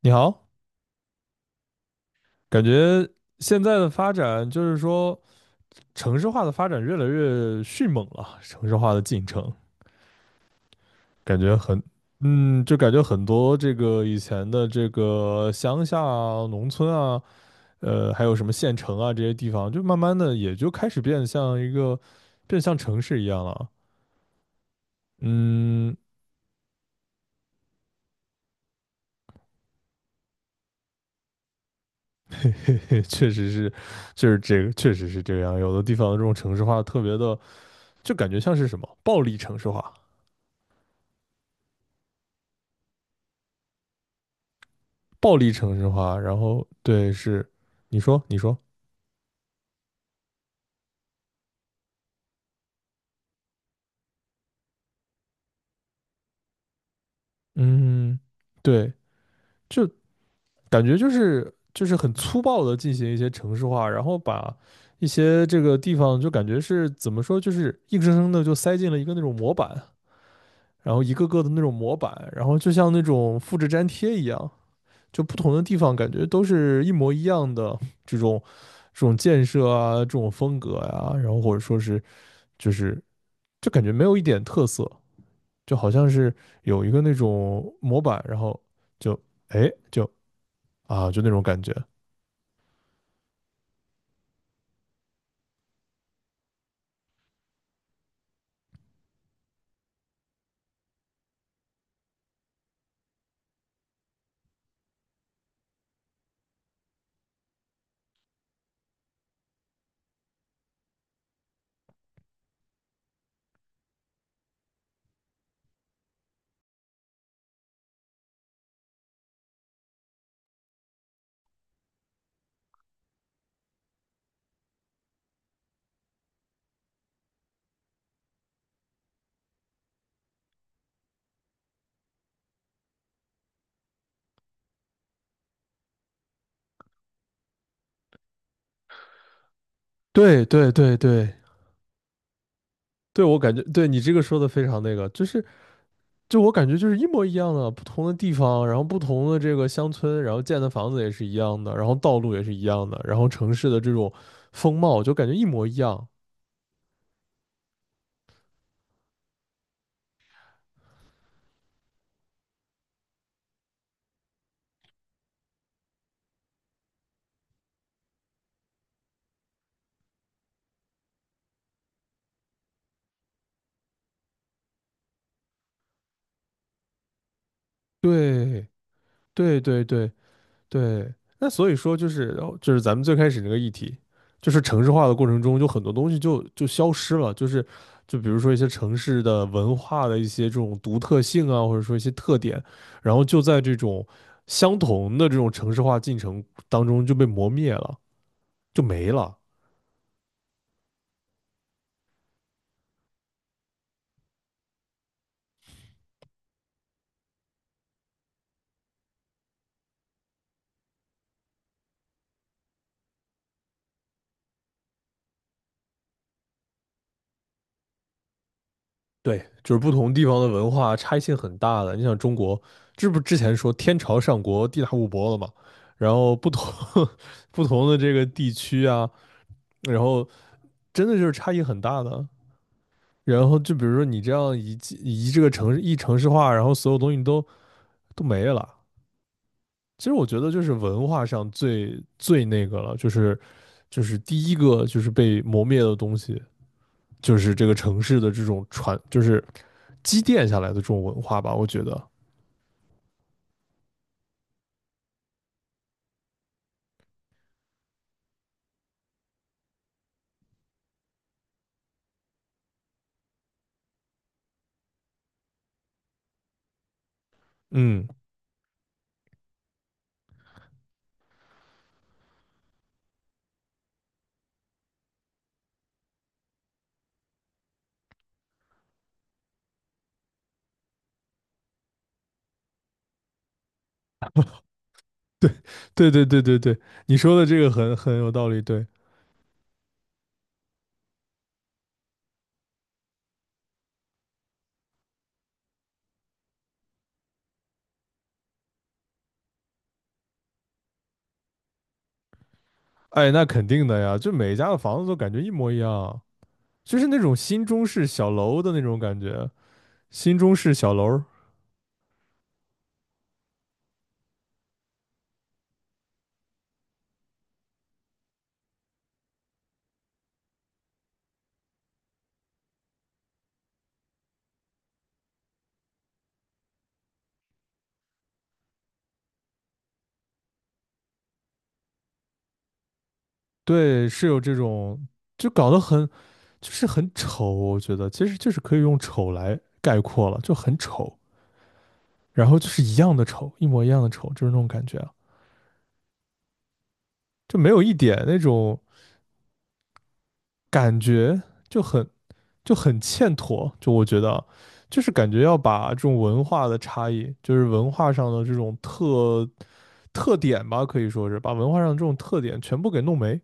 你好，感觉现在的发展就是说，城市化的发展越来越迅猛了，城市化的进程，感觉很，就感觉很多这个以前的这个乡下啊、农村啊，还有什么县城啊这些地方，就慢慢的也就开始变像一个，变像城市一样了。嗯。也确实是，就是这个，确实是这样。有的地方这种城市化特别的，就感觉像是什么暴力城市化。暴力城市化，然后对是，你说，嗯，对，就感觉就是很粗暴的进行一些城市化，然后把一些这个地方就感觉是怎么说，就是硬生生的就塞进了一个那种模板，然后一个个的那种模板，然后就像那种复制粘贴一样，就不同的地方感觉都是一模一样的这种这种建设啊，这种风格呀、然后或者说是就是就感觉没有一点特色。就好像是有一个那种模板，然后就哎就啊就那种感觉。对对对对对，我感觉对你这个说的非常那个，就是就我感觉就是一模一样的，不同的地方，然后不同的这个乡村，然后建的房子也是一样的，然后道路也是一样的，然后城市的这种风貌就感觉一模一样。对对对对，对，那所以说就是咱们最开始那个议题，就是城市化的过程中，就很多东西就消失了，就是就比如说一些城市的文化的一些这种独特性啊，或者说一些特点，然后就在这种相同的这种城市化进程当中就被磨灭了，就没了。对，就是不同地方的文化差异性很大的。你想中国，这不之前说天朝上国，地大物博了嘛，然后不同 不同的这个地区啊。然后真的就是差异很大的。然后就比如说你这样一这个城市化，然后所有东西都没了。其实我觉得就是文化上最那个了，就是就是第一个就是被磨灭的东西，就是这个城市的这种传，就是积淀下来的这种文化吧，我觉得。嗯，对对对对对，你说的这个很有道理。对，哎，那肯定的呀，就每一家的房子都感觉一模一样，就是那种新中式小楼的那种感觉，新中式小楼。对，是有这种，就搞得很，就是很丑，我觉得其实就是可以用丑来概括了，就很丑，然后就是一样的丑，一模一样的丑，就是那种感觉啊，就没有一点那种感觉，就很就很欠妥，就我觉得啊，就是感觉要把这种文化的差异，就是文化上的这种特点吧，可以说是把文化上的这种特点全部给弄没，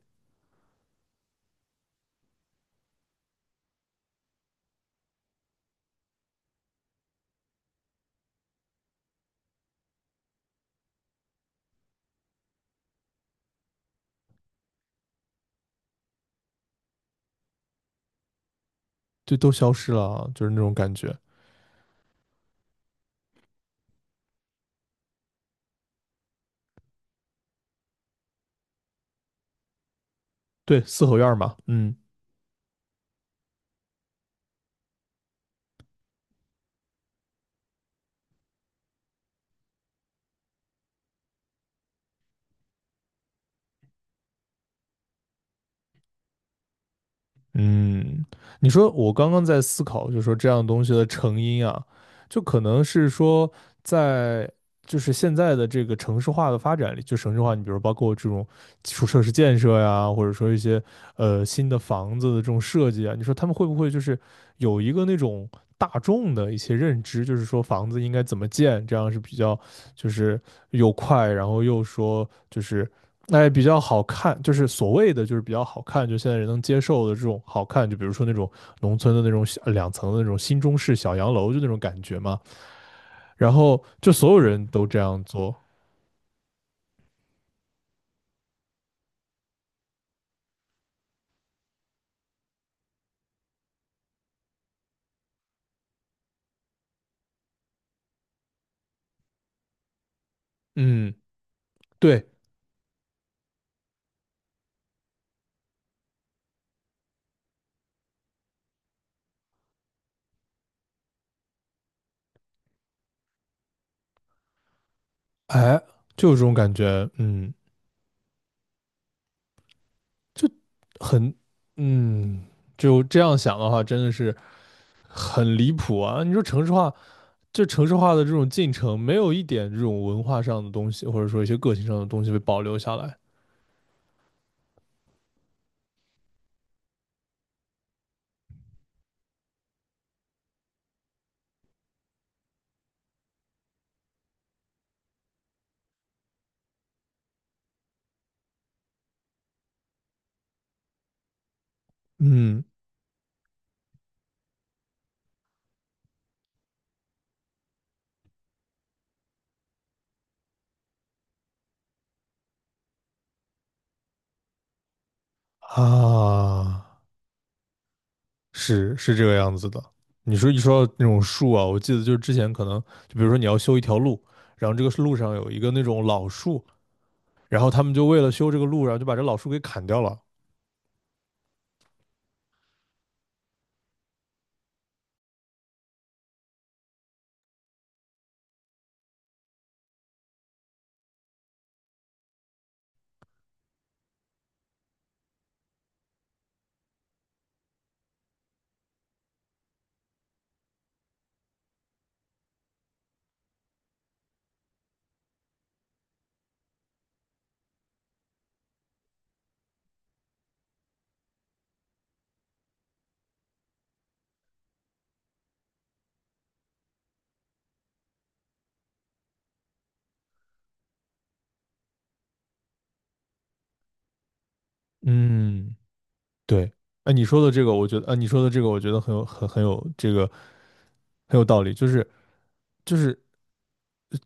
就都消失了啊，就是那种感觉。对，四合院儿嘛，嗯。嗯，你说我刚刚在思考，就是说这样东西的成因啊，就可能是说在就是现在的这个城市化的发展里，就城市化，你比如包括这种基础设施建设呀，或者说一些新的房子的这种设计啊，你说他们会不会就是有一个那种大众的一些认知，就是说房子应该怎么建，这样是比较就是又快，然后又说就是哎，比较好看，就是所谓的就是比较好看，就现在人能接受的这种好看，就比如说那种农村的那种小两层的那种新中式小洋楼，就那种感觉嘛。然后就所有人都这样做，嗯，对，哎，就有这种感觉，嗯，就很，嗯，就这样想的话，真的是很离谱啊！你说城市化，就城市化的这种进程，没有一点这种文化上的东西，或者说一些个性上的东西被保留下来，嗯啊。是是这个样子的。你说说到那种树啊，我记得就是之前可能就比如说你要修一条路，然后这个路上有一个那种老树，然后他们就为了修这个路，然后就把这老树给砍掉了。嗯，对，哎，你说的这个，我觉得，啊，你说的这个，我觉得很有这个很有道理，就是就是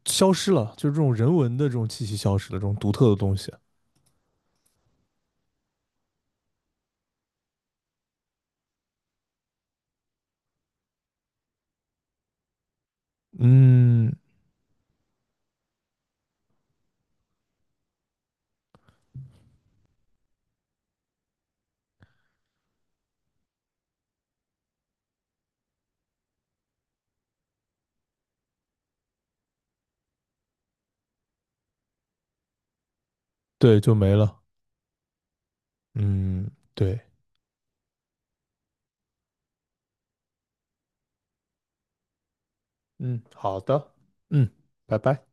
消失了，就是这种人文的这种气息消失了，这种独特的东西，嗯对，就没了。嗯，对，嗯，好的，嗯，拜拜。